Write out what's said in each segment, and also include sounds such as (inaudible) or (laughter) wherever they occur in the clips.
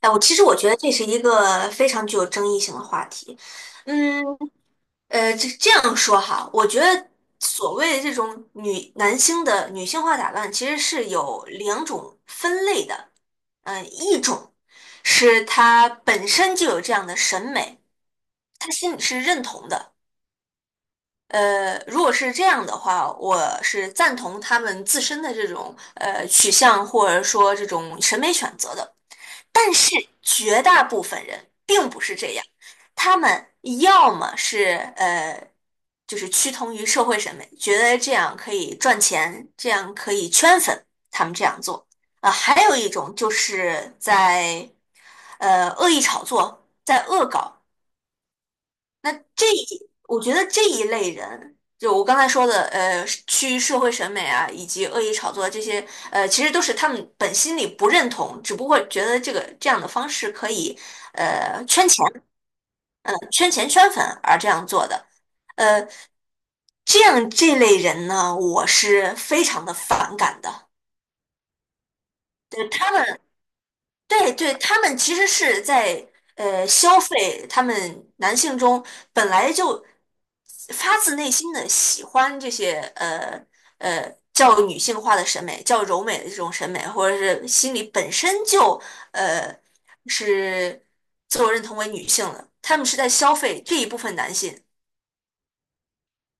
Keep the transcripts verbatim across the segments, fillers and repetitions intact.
哎，我其实我觉得这是一个非常具有争议性的话题。嗯，呃，这这样说哈，我觉得所谓的这种女男星的女性化打扮，其实是有两种分类的。嗯、呃一种是他本身就有这样的审美，他心里是认同的。呃，如果是这样的话，我是赞同他们自身的这种呃取向或者说这种审美选择的。但是绝大部分人并不是这样，他们要么是呃，就是趋同于社会审美，觉得这样可以赚钱，这样可以圈粉，他们这样做。啊、呃还有一种就是在呃恶意炒作，在恶搞。那这一，我觉得这一类人，就我刚才说的，呃，趋于社会审美啊，以及恶意炒作这些，呃，其实都是他们本心里不认同，只不过觉得这个这样的方式可以，呃，圈钱，嗯，圈钱圈粉而这样做的。呃，这样这类人呢，我是非常的反感的，对他们。对对，他们其实是在呃消费他们男性中本来就发自内心的喜欢这些呃呃较女性化的审美、较柔美的这种审美，或者是心里本身就呃是自我认同为女性的，他们是在消费这一部分男性，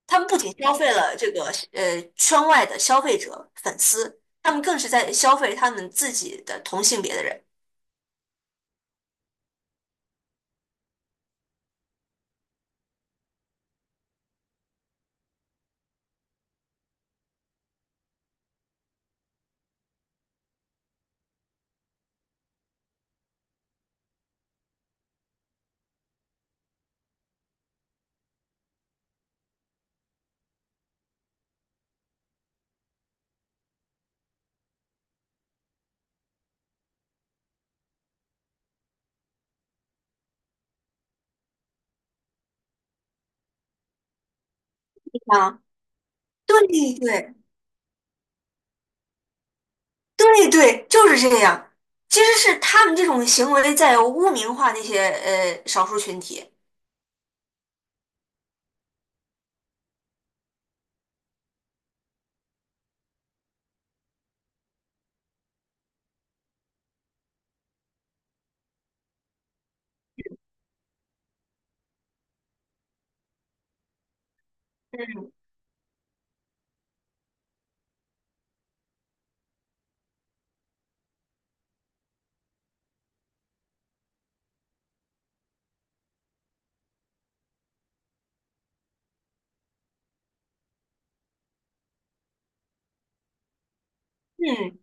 他们不仅消费了这个呃圈外的消费者粉丝，他们更是在消费他们自己的同性别的人。啊，对对。对对，就是这样。其实是他们这种行为在污名化那些呃少数群体。嗯嗯，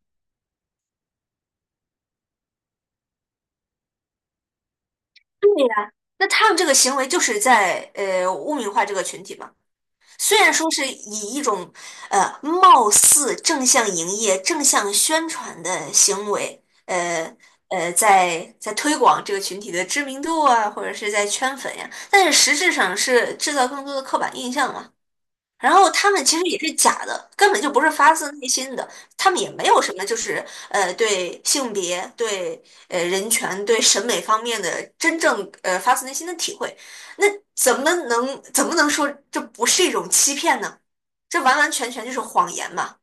对呀，那他们这个行为就是在呃污名化这个群体嘛。虽然说是以一种呃貌似正向营业、正向宣传的行为，呃呃，在在推广这个群体的知名度啊，或者是在圈粉呀，但是实质上是制造更多的刻板印象嘛。然后他们其实也是假的，根本就不是发自内心的，他们也没有什么就是呃对性别、对呃人权、对审美方面的真正呃发自内心的体会，那怎么能怎么能说这不是一种欺骗呢？这完完全全就是谎言嘛，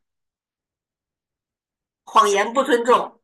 谎言不尊重。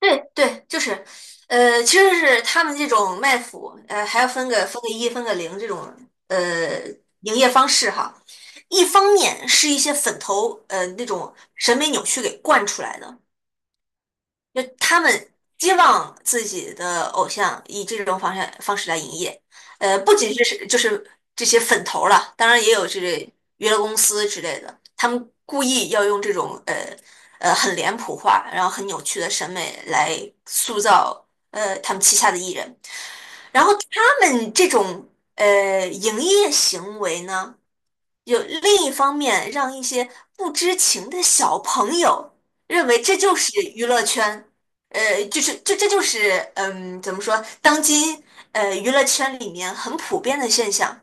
对对，就是，呃，其实是他们这种卖腐，呃，还要分个分个一、分个零这种，呃，营业方式哈。一方面是一些粉头，呃，那种审美扭曲给惯出来的，就他们希望自己的偶像以这种方式方式来营业，呃，不仅是是就是这些粉头儿了，当然也有这类娱乐公司之类的，他们故意要用这种呃呃很脸谱化，然后很扭曲的审美来塑造呃他们旗下的艺人，然后他们这种呃营业行为呢，有另一方面让一些不知情的小朋友认为这就是娱乐圈，呃，就是这这就是嗯，怎么说，当今呃娱乐圈里面很普遍的现象，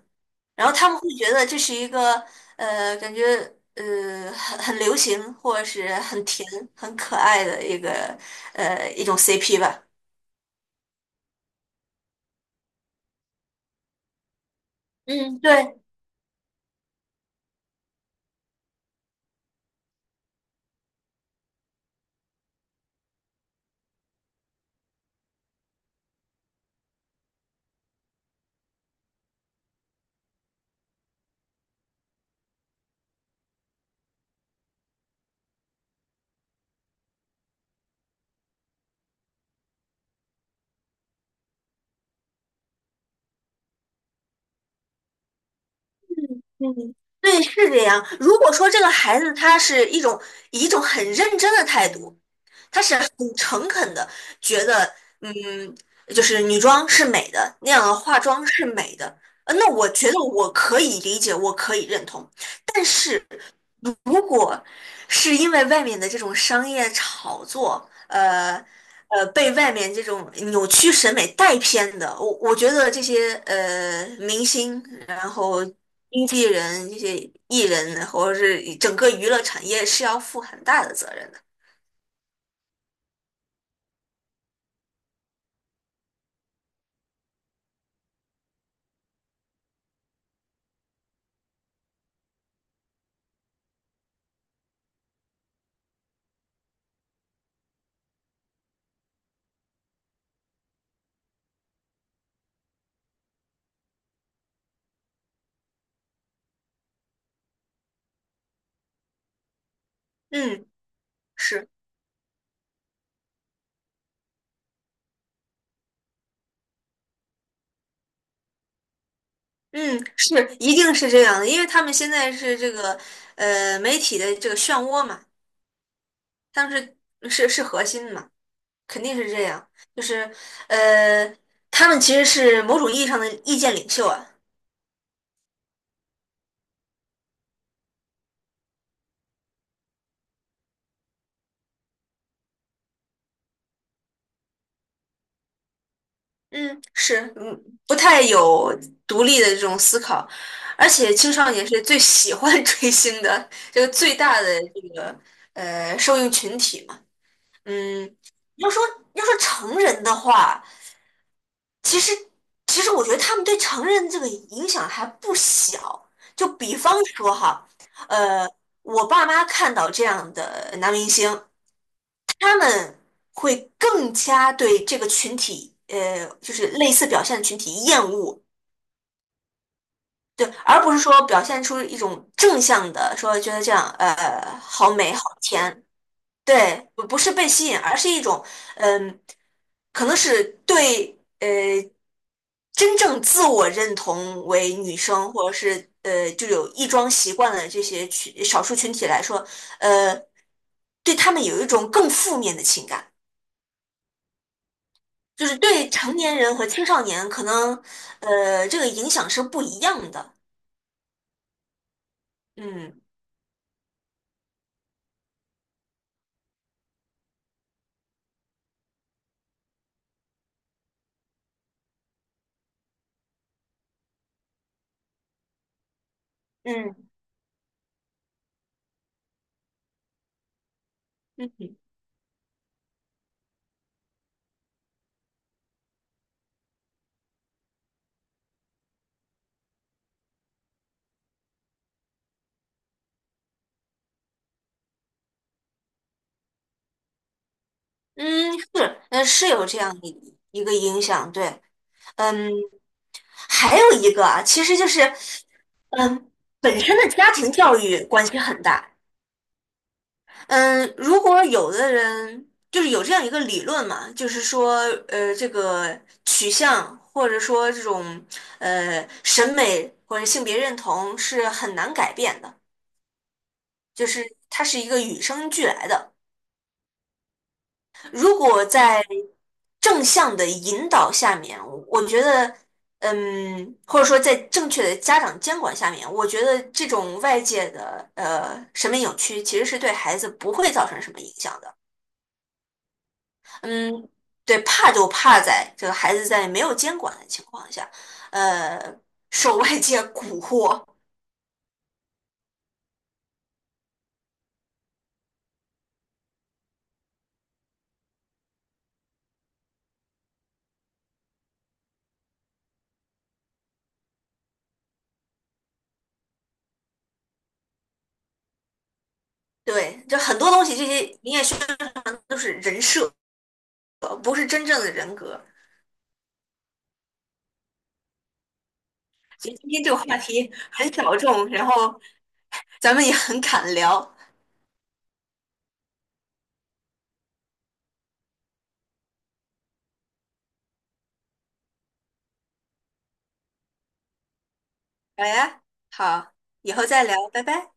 然后他们会觉得这是一个呃感觉呃很很流行或者是很甜很可爱的一个呃一种 C P 吧。嗯，对，嗯，对，是这样。如果说这个孩子他是一种以一种很认真的态度很诚恳的觉得，嗯，就是女装是美的，那样的化妆是美的，呃，那我觉得我可以理解，我可以认同。但是如果是因为外面的这种商业炒作，呃呃，被外面这种扭曲审美带偏的，我我觉得这些呃明星，然后经纪人、这些艺人，或者是整个娱乐产业是要负很大的责任的。嗯，是。嗯，是，一定是这样的，因为他们现在是这个呃媒体的这个漩涡嘛，他们是是是核心嘛，肯定是这样，就是呃他们其实是某种意义上的意见领袖啊，嗯，是，嗯，不太有独立的这种思考，而且青少年是最喜欢 (laughs) 追星的这个最大的这个呃受众群体嘛，嗯，要说要说成人的话。其实，其实我觉得他们对成人这个影响还不小。就比方说哈，呃，我爸妈看到这样的男明星，他们会更加对这个群体，呃，就是类似表现的群体厌恶，对，而不是说表现出一种正向的，说觉得这样，呃，好美好甜。对，不不是被吸引，而是一种，嗯，可能是对呃真正自我认同为女生，或者是呃就有异装习惯的这些群少数群体来说，呃，对他们有一种更负面的情感，就是对成年人和青少年可能呃这个影响是不一样的。嗯嗯嗯嗯，是，呃是有这样一一个影响，对，嗯。还有一个啊，其实就是，嗯，本身的家庭教育关系很大。嗯，如果有的人就是有这样一个理论嘛，就是说，呃，这个取向或者说这种呃审美或者性别认同是很难改变的，就是它是一个与生俱来的。如果在正向的引导下面，我觉得，嗯，或者说在正确的家长监管下面，我觉得这种外界的呃审美扭曲其实是对孩子不会造成什么影响的。嗯，对，怕就怕在这个孩子在没有监管的情况下，呃，受外界蛊惑。对，就很多东西，这些你也需要都是人设，不是真正的人格。觉得今天这个话题很小众，然后咱们也很敢聊。哎，好，以后再聊，拜拜。